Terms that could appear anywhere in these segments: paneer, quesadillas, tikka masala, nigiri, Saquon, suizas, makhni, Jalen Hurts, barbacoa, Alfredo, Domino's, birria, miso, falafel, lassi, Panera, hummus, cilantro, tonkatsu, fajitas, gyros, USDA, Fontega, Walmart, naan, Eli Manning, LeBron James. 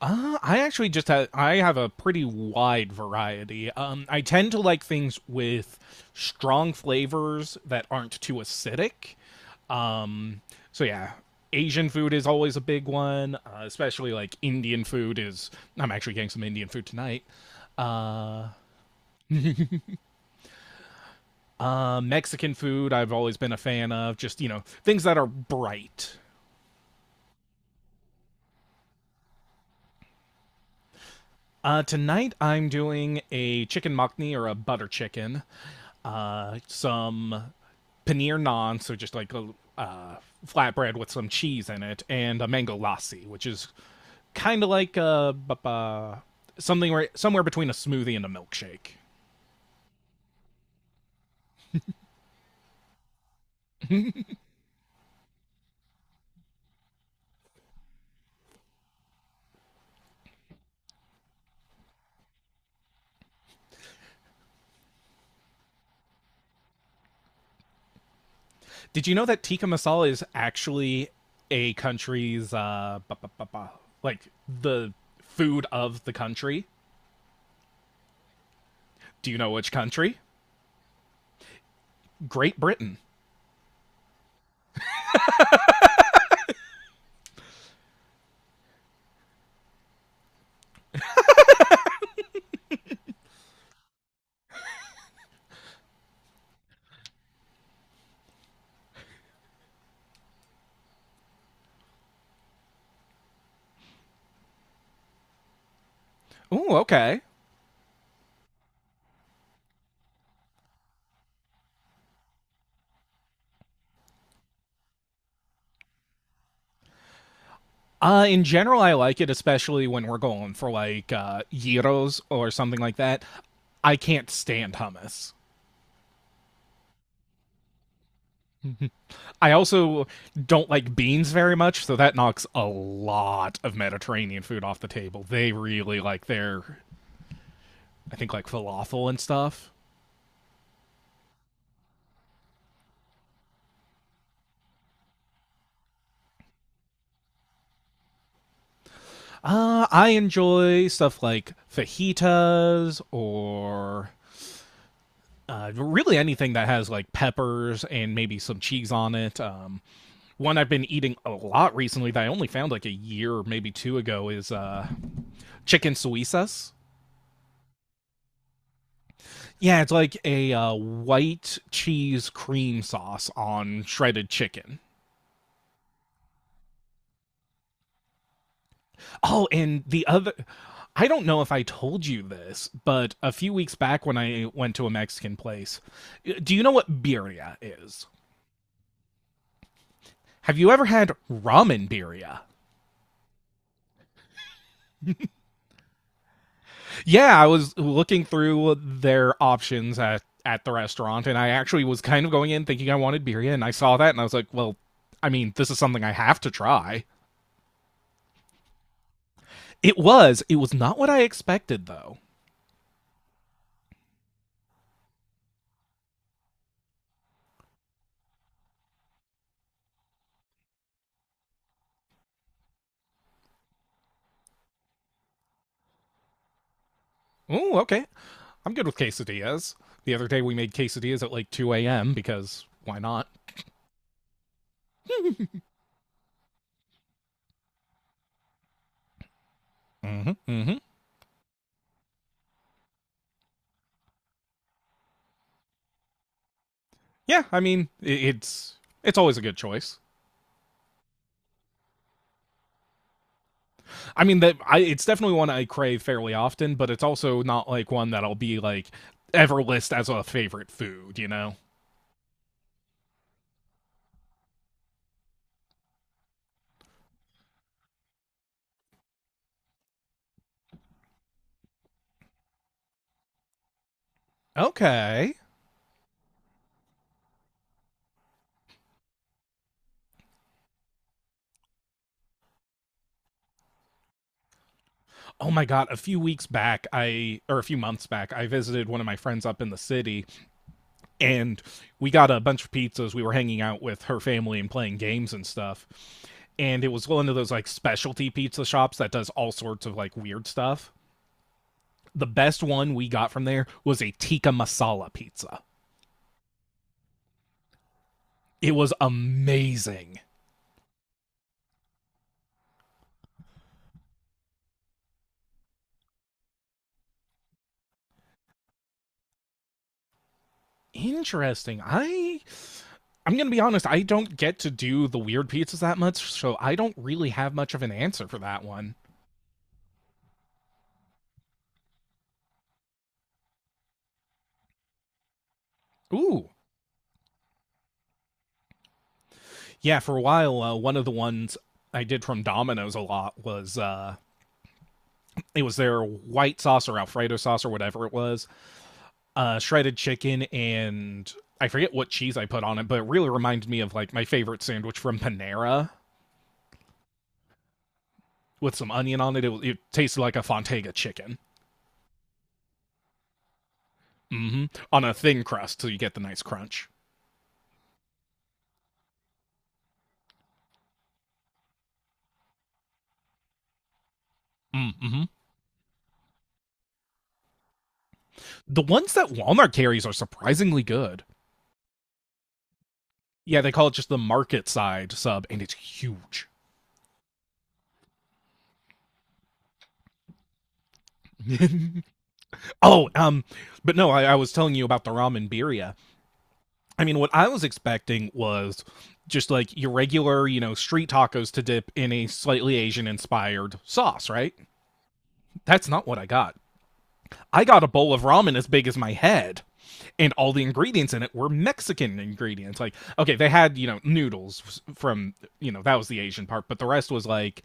I actually just have I have a pretty wide variety. I tend to like things with strong flavors that aren't too acidic. Um, so yeah, Asian food is always a big one, especially like Indian food is. I'm actually getting some Indian food tonight. Mexican food I've always been a fan of. Just you know things that are bright. Tonight I'm doing a chicken makhni or a butter chicken, some paneer naan, so just like a uh, flatbread with some cheese in it, and a mango lassi, which is kind of like a something where, somewhere between a smoothie and a milkshake. Did you know that tikka masala is actually a country's like the food of the country? Do you know which country? Great Britain. Ooh, okay. In general, I like it, especially when we're going for like gyros or something like that. I can't stand hummus. I also don't like beans very much, so that knocks a lot of Mediterranean food off the table. They really like their, I think, like falafel and stuff. I enjoy stuff like fajitas or really anything that has like peppers and maybe some cheese on it. One I've been eating a lot recently that I only found like a year, maybe two ago, is chicken suizas. Yeah, it's like a white cheese cream sauce on shredded chicken. Oh, and the other. I don't know if I told you this, but a few weeks back when I went to a Mexican place, do you know what birria is? Have you ever had ramen birria? Yeah, I was looking through their options at the restaurant, and I actually was kind of going in thinking I wanted birria, and I saw that, and I was like, well, I mean, this is something I have to try. It was. It was not what I expected, though. Ooh, okay. I'm good with quesadillas. The other day we made quesadillas at like 2 a.m. because why not? Mm-hmm, mm-hmm. Yeah, I mean, it's always a good choice. I mean that I it's definitely one I crave fairly often, but it's also not like one that I'll be like ever list as a favorite food, you know. Okay. Oh my god, a few weeks back, I or a few months back, I visited one of my friends up in the city and we got a bunch of pizzas. We were hanging out with her family and playing games and stuff. And it was one of those like specialty pizza shops that does all sorts of like weird stuff. The best one we got from there was a tikka masala pizza. It was amazing. Interesting. I'm gonna be honest, I don't get to do the weird pizzas that much, so I don't really have much of an answer for that one. Ooh. Yeah, for a while, one of the ones I did from Domino's a lot was it was their white sauce or Alfredo sauce or whatever it was, shredded chicken and I forget what cheese I put on it, but it really reminded me of like my favorite sandwich from Panera with some onion on it. It tasted like a Fontega chicken. Hmm On a thin crust, so you get the nice crunch. Mm-hmm. The ones that Walmart carries are surprisingly good. Yeah, they call it just the market side sub, and it's huge. oh, But no, I was telling you about the ramen birria. I mean, what I was expecting was just like your regular, you know, street tacos to dip in a slightly Asian inspired sauce, right? That's not what I got. I got a bowl of ramen as big as my head, and all the ingredients in it were Mexican ingredients. Like, okay, they had, you know, noodles from, you know, that was the Asian part, but the rest was like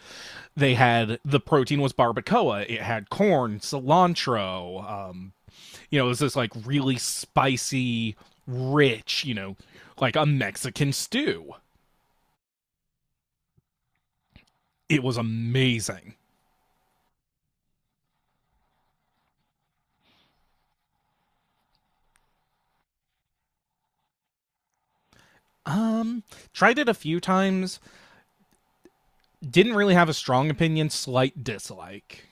they had the protein was barbacoa. It had corn, cilantro. You know, it was this like really spicy, rich, you know, like a Mexican stew. It was amazing. Um, Tried it a few times. Didn't really have a strong opinion. Slight dislike.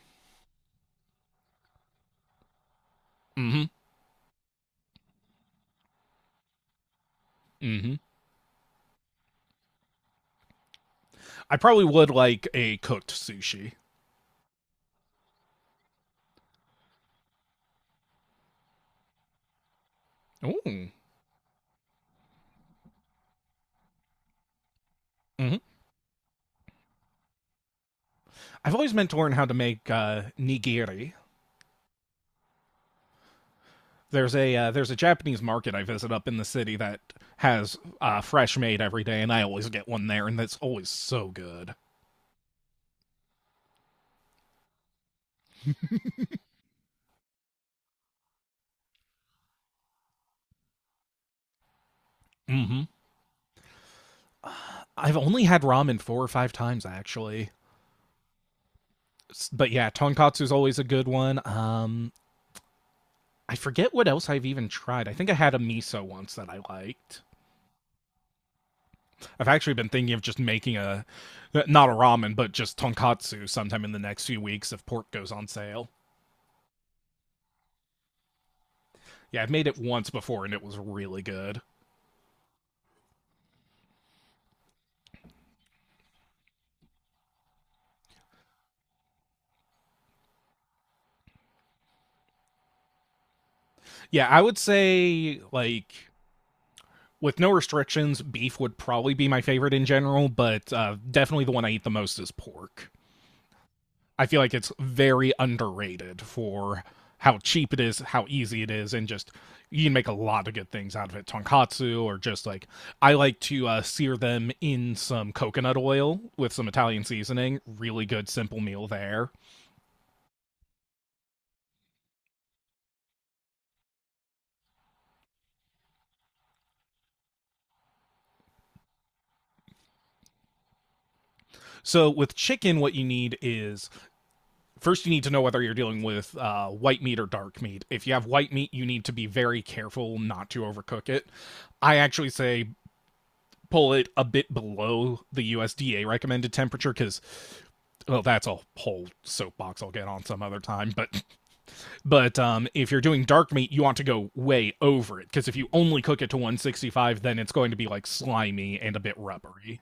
Mm-hmm. Mm-hmm. I probably would like a cooked sushi. Ooh. Mm-hmm. I've always meant to learn how to make nigiri. There's a Japanese market I visit up in the city that has fresh made every day, and I always get one there, and that's always so good. Hmm I've only had ramen four or five times actually, but yeah, tonkatsu's always a good one. I forget what else I've even tried. I think I had a miso once that I liked. I've actually been thinking of just making a not a ramen, but just tonkatsu sometime in the next few weeks if pork goes on sale. Yeah, I've made it once before and it was really good. Yeah, I would say like with no restrictions, beef would probably be my favorite in general, but definitely the one I eat the most is pork. I feel like it's very underrated for how cheap it is, how easy it is, and just you can make a lot of good things out of it. Tonkatsu, or just like I like to sear them in some coconut oil with some Italian seasoning. Really good, simple meal there. So, with chicken, what you need is first you need to know whether you're dealing with white meat or dark meat. If you have white meat, you need to be very careful not to overcook it. I actually say pull it a bit below the USDA recommended temperature because well that's a whole soapbox I'll get on some other time but if you're doing dark meat you want to go way over it because if you only cook it to 165 then it's going to be like slimy and a bit rubbery